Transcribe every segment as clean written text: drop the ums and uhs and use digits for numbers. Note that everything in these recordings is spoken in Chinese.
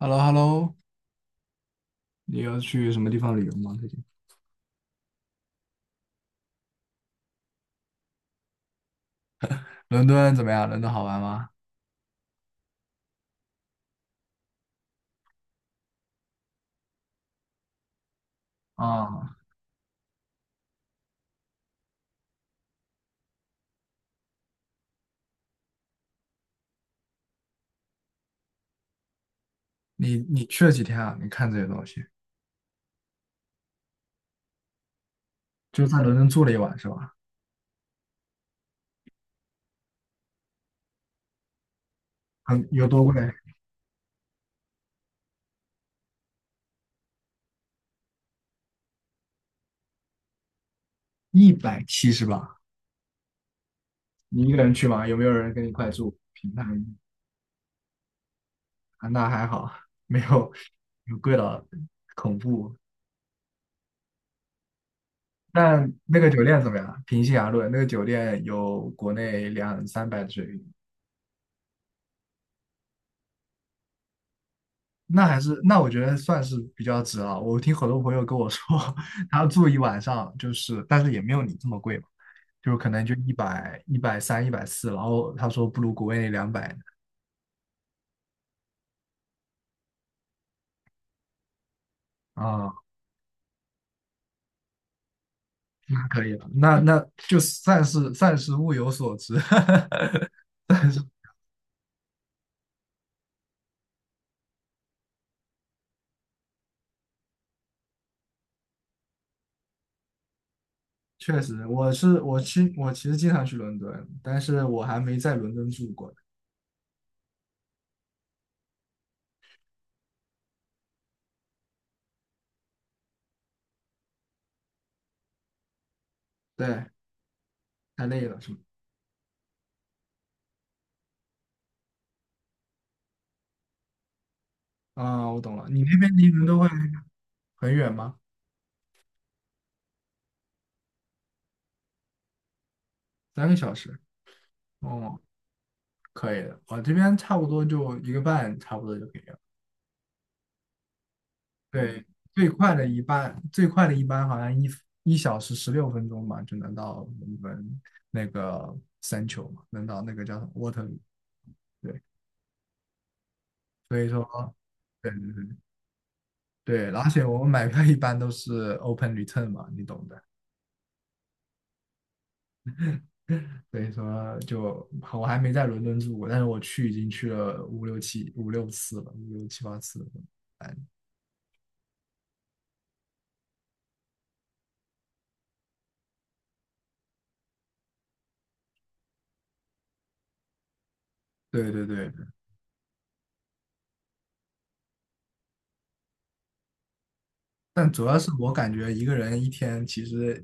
h e l l o h e l l o 你要去什么地方旅游吗？最近伦敦怎么样？伦敦好玩吗？啊，你去了几天啊？你看这些东西，就在伦敦住了一晚是吧？很有多贵？170吧？你一个人去吗？有没有人跟你一块住？平摊啊，那还好，没有，有贵到恐怖？但那个酒店怎么样？平心而论，那个酒店有国内两三百的水平。那还是那我觉得算是比较值了。我听很多朋友跟我说，他住一晚上就是，但是也没有你这么贵嘛，就可能就一百、130、140，然后他说不如国内两百。啊，那可以了，那就算是物有所值。但是确实，我其实经常去伦敦，但是我还没在伦敦住过。对，太累了是吗？啊，我懂了，你那边离伦敦会很远吗？三个小时？哦，可以的，我这边差不多就一个半，差不多就可以了。嗯，对，最快的一班好像一小时十六分钟嘛，就能到我们那个三球嘛，能到那个叫什么 Waterloo。对，所以说，对对对对，而且我们买票一般都是 open return 嘛，你懂的。所以说就，我还没在伦敦住过，但是我已经去了五六七五六次了，五六七八次了。对对对，但主要是我感觉一个人一天其实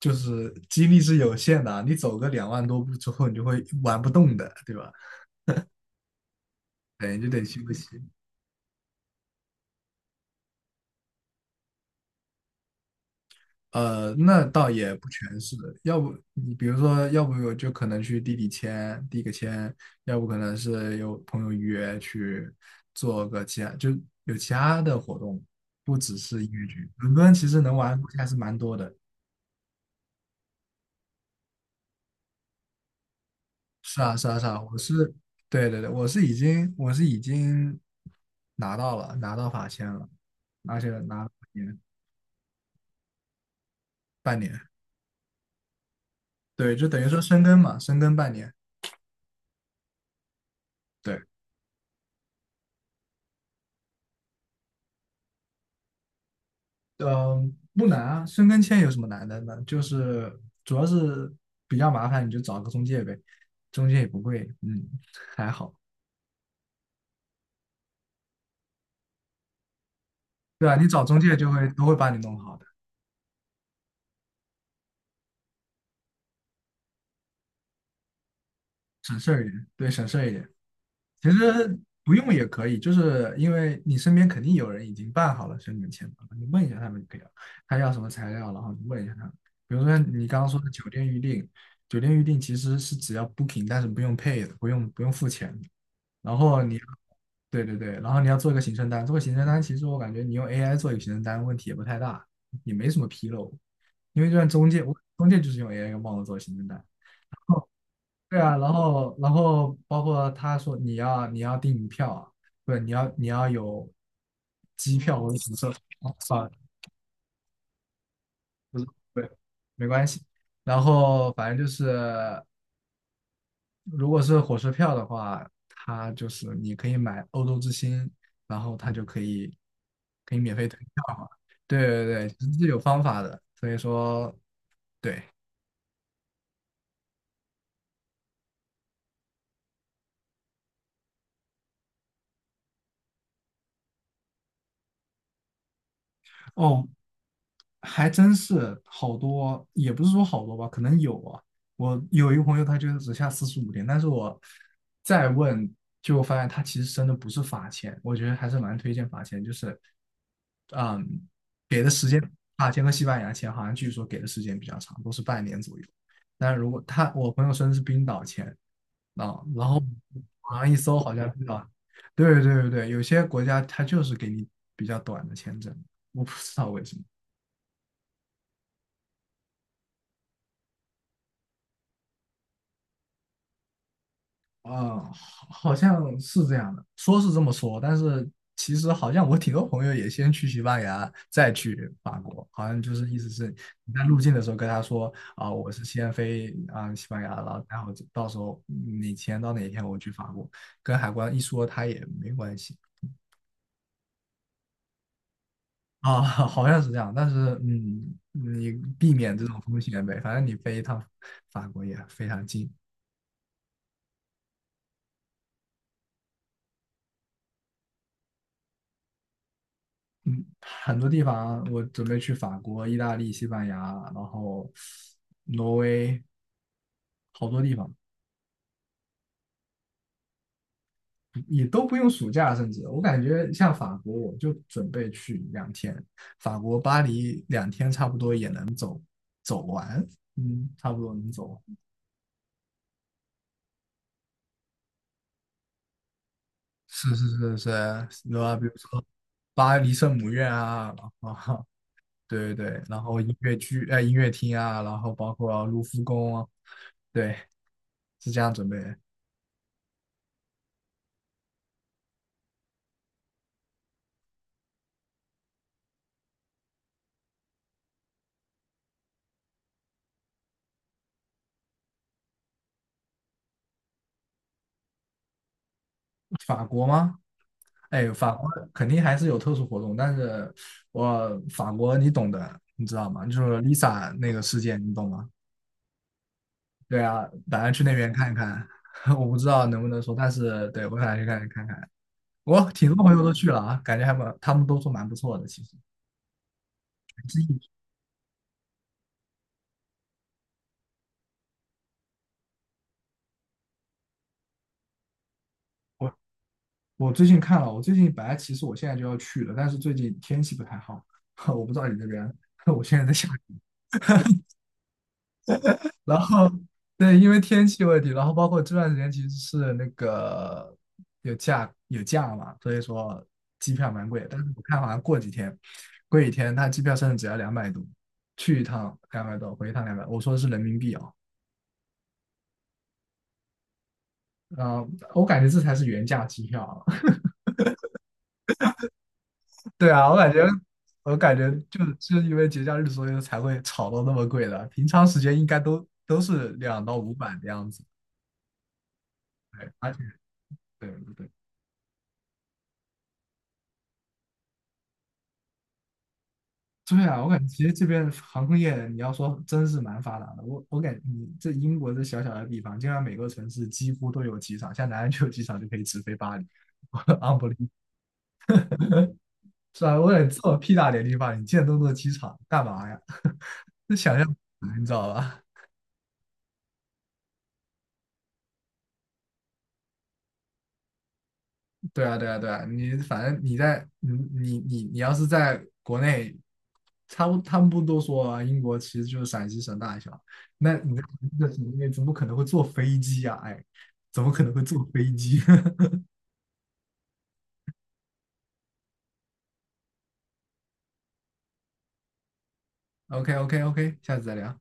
就是精力是有限的啊，你走个2万多步之后，你就会玩不动的，对吧？等于就得休息。那倒也不全是，要不你比如说，要不我就可能去地里签递个签，要不可能是有朋友约去做个其他，就有其他的活动，不只是音乐剧。伦敦其实能玩的东西还是蛮多的。是啊，是啊，是啊，我是，对对对，我是已经拿到了，拿到法签了，而且拿了半年。半年，对，就等于说深耕嘛，深耕半年。对，嗯，不难啊，深耕签有什么难的呢？就是主要是比较麻烦，你就找个中介呗，中介也不贵。嗯，还好，对吧？你找中介就会都会把你弄好的，省事儿一点，对，省事儿一点。其实不用也可以，就是因为你身边肯定有人已经办好了申请签证了，你问一下他们就可以了，他要什么材料，然后你问一下他们。比如说你刚刚说的酒店预订，酒店预订其实是只要 booking，但是不用 pay 的，不用付钱的。然后你，对对对，然后你要做一个行程单，做个行程单，其实我感觉你用 AI 做一个行程单问题也不太大，也没什么纰漏，因为就像中介，我中介就是用 AI 帮我做行程单。对啊，然后包括他说你要订票啊，不是你要有机票或者什么设。哦，啊，算了，不是，对，没关系。然后反正就是如果是火车票的话，他就是你可以买欧洲之星，然后他就可以免费退票嘛。对对对，其实是有方法的，所以说对。哦，还真是好多，也不是说好多吧，可能有啊。我有一个朋友，他就只下45天，但是我再问，就发现他其实真的不是罚钱，我觉得还是蛮推荐罚钱，就是，嗯，给的时间，法签和西班牙签好像据说给的时间比较长，都是半年左右。但如果我朋友申的是冰岛签啊，然后网上一搜好像冰岛，对对对对，有些国家他就是给你比较短的签证，我不知道为什么。啊，好像是这样的，说是这么说，但是其实好像我挺多朋友也先去西班牙，再去法国，好像就是意思是你在入境的时候跟他说啊，我是先飞啊西班牙，然后到时候你签到哪一天我去法国，跟海关一说他也没关系啊。好像是这样，但是你避免这种风险呗，反正你飞一趟法国也非常近。很多地方我准备去法国、意大利、西班牙，然后挪威，好多地方也都不用暑假，甚至我感觉像法国，我就准备去两天，法国巴黎两天差不多也能走完，嗯，差不多能走。是是是是，对吧？比如说巴黎圣母院啊，然后对对对，然后音乐剧、音乐厅啊，然后包括卢浮宫啊，对，是这样准备。法国吗？哎，法国肯定还是有特殊活动，但是我法国你懂的，你知道吗？就是 Lisa 那个事件，你懂吗？对啊，打算去那边看一看。我不知道能不能说，但是对，我打算去看看。我挺多朋友都去了啊，感觉还蛮，他们都说蛮不错的。其实，最近，我我最近看了，我最近本来其实我现在就要去的，但是最近天气不太好，我不知道你那边。我现在在想然后对，因为天气问题，然后包括这段时间其实是那个有假嘛，所以说机票蛮贵，但是我看好像过几天，它机票甚至只要两百多，去一趟两百多，回一趟两百，我说的是人民币哦。嗯，我感觉这才是原价机票啊。对啊，我感觉就是因为节假日，所以才会炒到那么贵的，平常时间应该都是200到500的样子，对，而且对对。对啊，我感觉其实这边航空业，你要说真是蛮发达的。我感觉你这英国这小小的地方，竟然每个城市几乎都有机场，像南安就有机场，就可以直飞巴黎。我 u n b e 是吧？我感觉这么屁大点地方，你建那么多机场干嘛呀？这想象不出来你知道吧？对啊，对啊，对啊，你反正你在你你你你要是在国内，他们不多说啊，英国其实就是陕西省大小，那你在这个省内怎么可能会坐飞机啊？哎，怎么可能会坐飞机？OK OK OK，下次再聊。